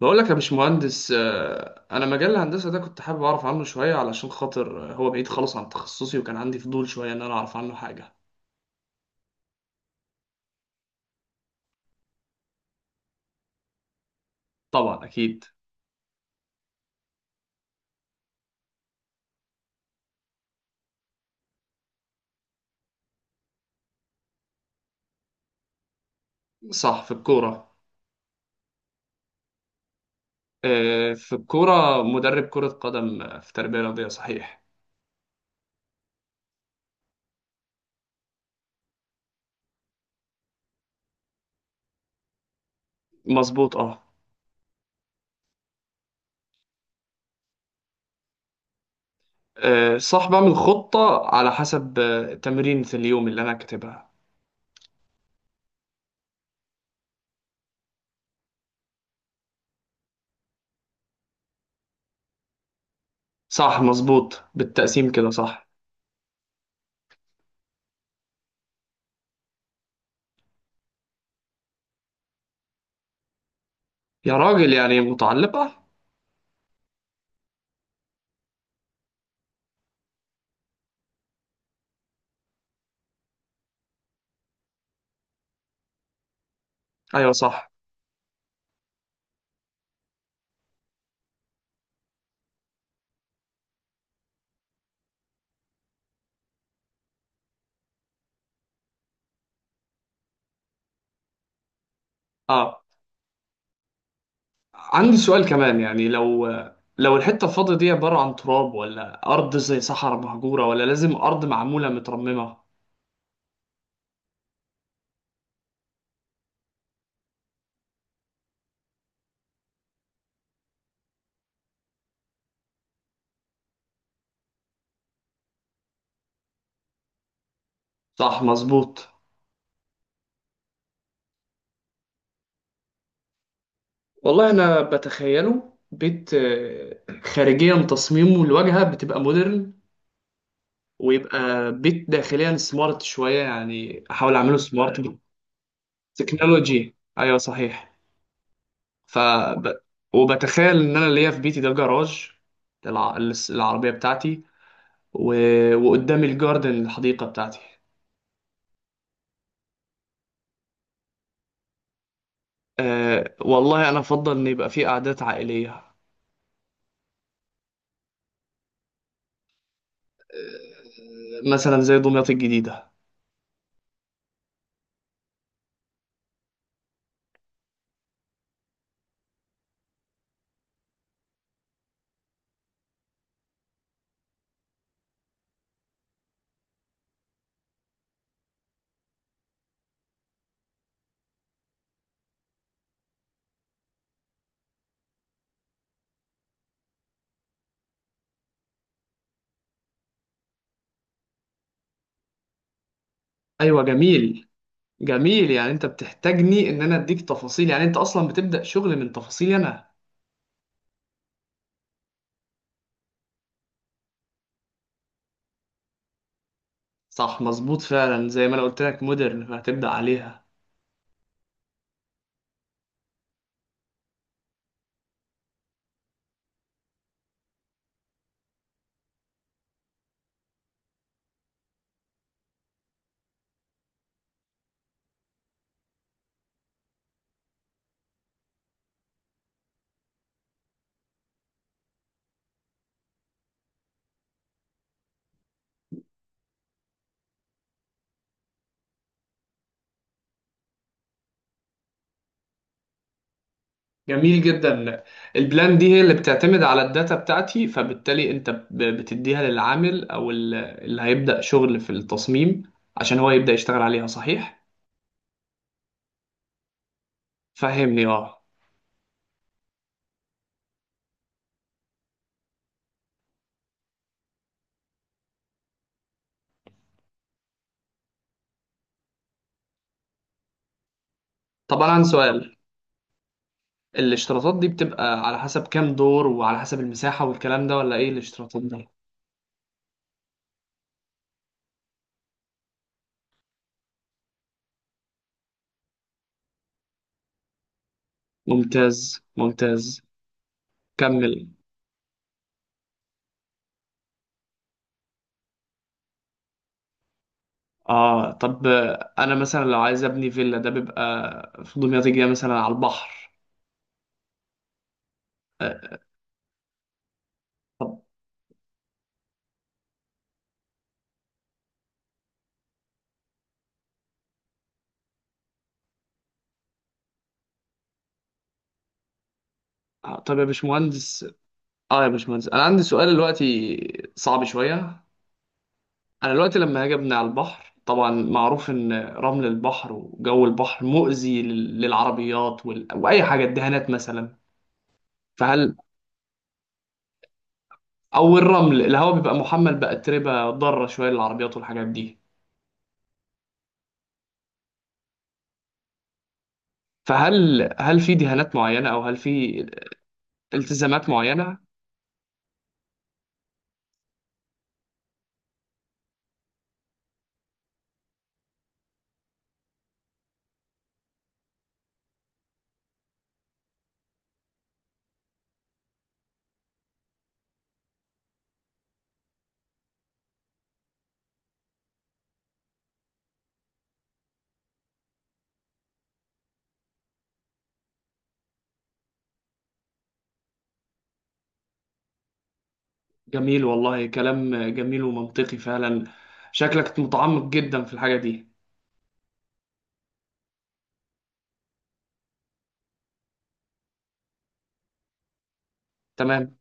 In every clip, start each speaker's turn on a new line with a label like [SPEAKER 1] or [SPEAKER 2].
[SPEAKER 1] بقول لك يا باشمهندس انا مجال الهندسه ده كنت حابب اعرف عنه شويه علشان خاطر هو بعيد خالص عن تخصصي وكان عندي فضول شويه ان انا اعرف عنه حاجه. طبعا اكيد. صح، في الكوره. في الكوره مدرب كره قدم، في تربيه رياضيه صحيح. مظبوط، اه. صح، بعمل خطه على حسب تمرينة اليوم اللي انا كاتبها. صح مظبوط، بالتقسيم كده صح. يا راجل يعني متعلقه. ايوه صح. اه، عندي سؤال كمان، يعني لو الحتة الفاضية دي عبارة عن تراب ولا أرض زي صحراء مهجورة، ولا لازم أرض معمولة مترممة؟ صح مظبوط. والله أنا بتخيله بيت، خارجيا تصميمه الواجهة بتبقى مودرن، ويبقى بيت داخليا سمارت شوية، يعني أحاول أعمله سمارت. بالتكنولوجي أيوه صحيح. ف ب- وبتخيل إن أنا ليا في بيتي ده جراج العربية بتاعتي، و... وقدامي الجاردن الحديقة بتاعتي. أه والله انا افضل ان يبقى في قعدات عائليه. مثلا زي دمياط الجديده. ايوه جميل. جميل، يعني انت بتحتاجني ان انا اديك تفاصيل، يعني انت اصلا بتبدا شغل من تفاصيلي انا. صح مظبوط، فعلا زي ما انا قلت لك مودرن فهتبدا عليها. جميل جدا. البلان دي هي اللي بتعتمد على الداتا بتاعتي، فبالتالي انت بتديها للعامل او اللي هيبدا شغل في التصميم عشان هو يبدا يشتغل عليها صحيح. فهمني اه. طب انا عندي سؤال، الاشتراطات دي بتبقى على حسب كام دور وعلى حسب المساحة والكلام ده، ولا ايه الاشتراطات ده؟ ممتاز ممتاز. كمل. اه، طب انا مثلا لو عايز ابني فيلا ده بيبقى في دمياط الجديدة مثلا على البحر. آه، طب. طب يا باشمهندس. اه يا باشمهندس، انا عندي سؤال دلوقتي صعب شوية. انا دلوقتي لما هاجي ابني على البحر، طبعا معروف ان رمل البحر وجو البحر مؤذي للعربيات واي حاجة، الدهانات مثلا. فهل، او الرمل الهواء بيبقى محمل بأتربة ضارة شوية للعربيات والحاجات دي. فهل هل في دهانات معينة، او هل في التزامات معينة؟ جميل والله، كلام جميل ومنطقي فعلا. شكلك متعمق جدا في الحاجة دي. تمام.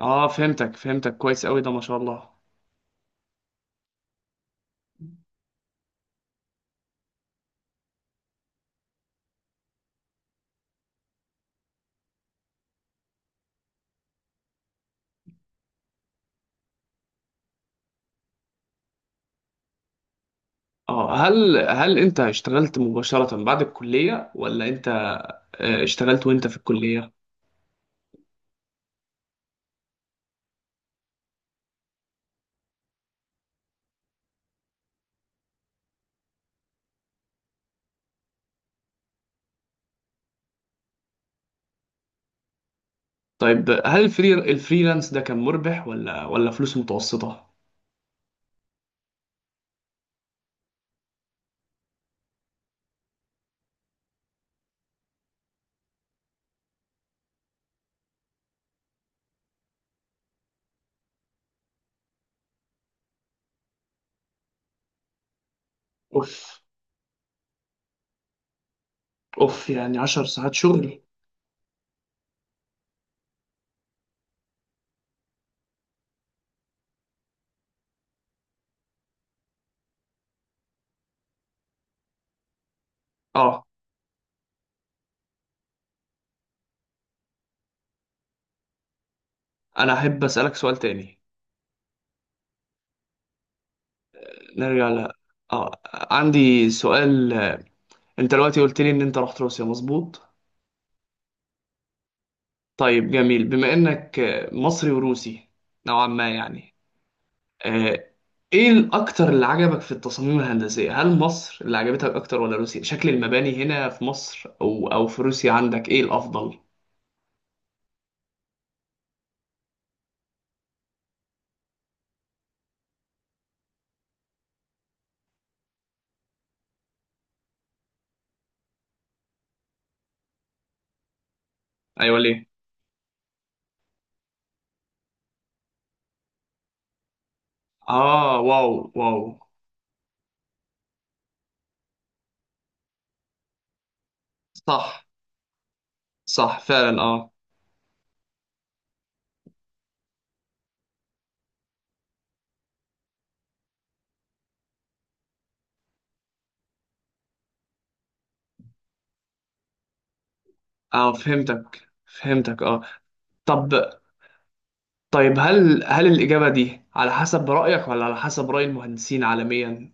[SPEAKER 1] اه فهمتك فهمتك كويس قوي، ده ما شاء الله. اه، هل هل انت اشتغلت مباشرة بعد الكلية، ولا انت اشتغلت وانت في الكلية؟ طيب هل الفري الفريلانس ده كان مربح، ولا ولا فلوس متوسطة؟ اوف. اوف، يعني عشر ساعات شغل. اه. انا احب اسالك سؤال تاني. نرجع ل، اه، عندي سؤال. انت دلوقتي قلت لي ان انت رحت روسيا مظبوط؟ طيب جميل، بما انك مصري وروسي نوعا ما يعني. آه، ايه الاكتر اللي عجبك في التصاميم الهندسية؟ هل مصر اللي عجبتك اكتر ولا روسيا؟ شكل المباني هنا في مصر او او في روسيا، عندك ايه الافضل؟ ايوه ليه. اه واو. واو. صح. صح فعلا اه. اه فهمتك فهمتك اه. طب. طيب هل هل الإجابة دي على حسب رأيك ولا على حسب رأي المهندسين عالميا؟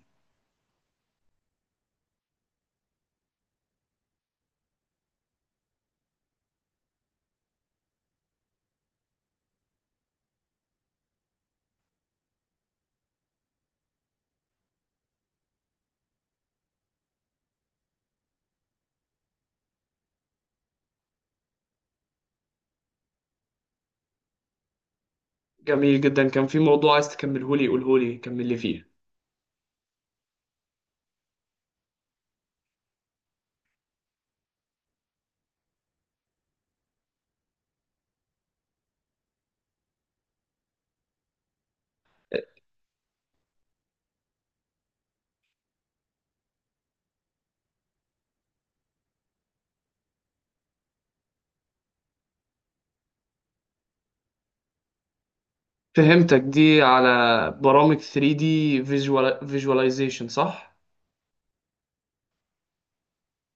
[SPEAKER 1] جميل جدا. كان في موضوع عايز تكمله لي، قوله لي، كمل لي فيه. فهمتك، دي على برامج 3D visualization صح؟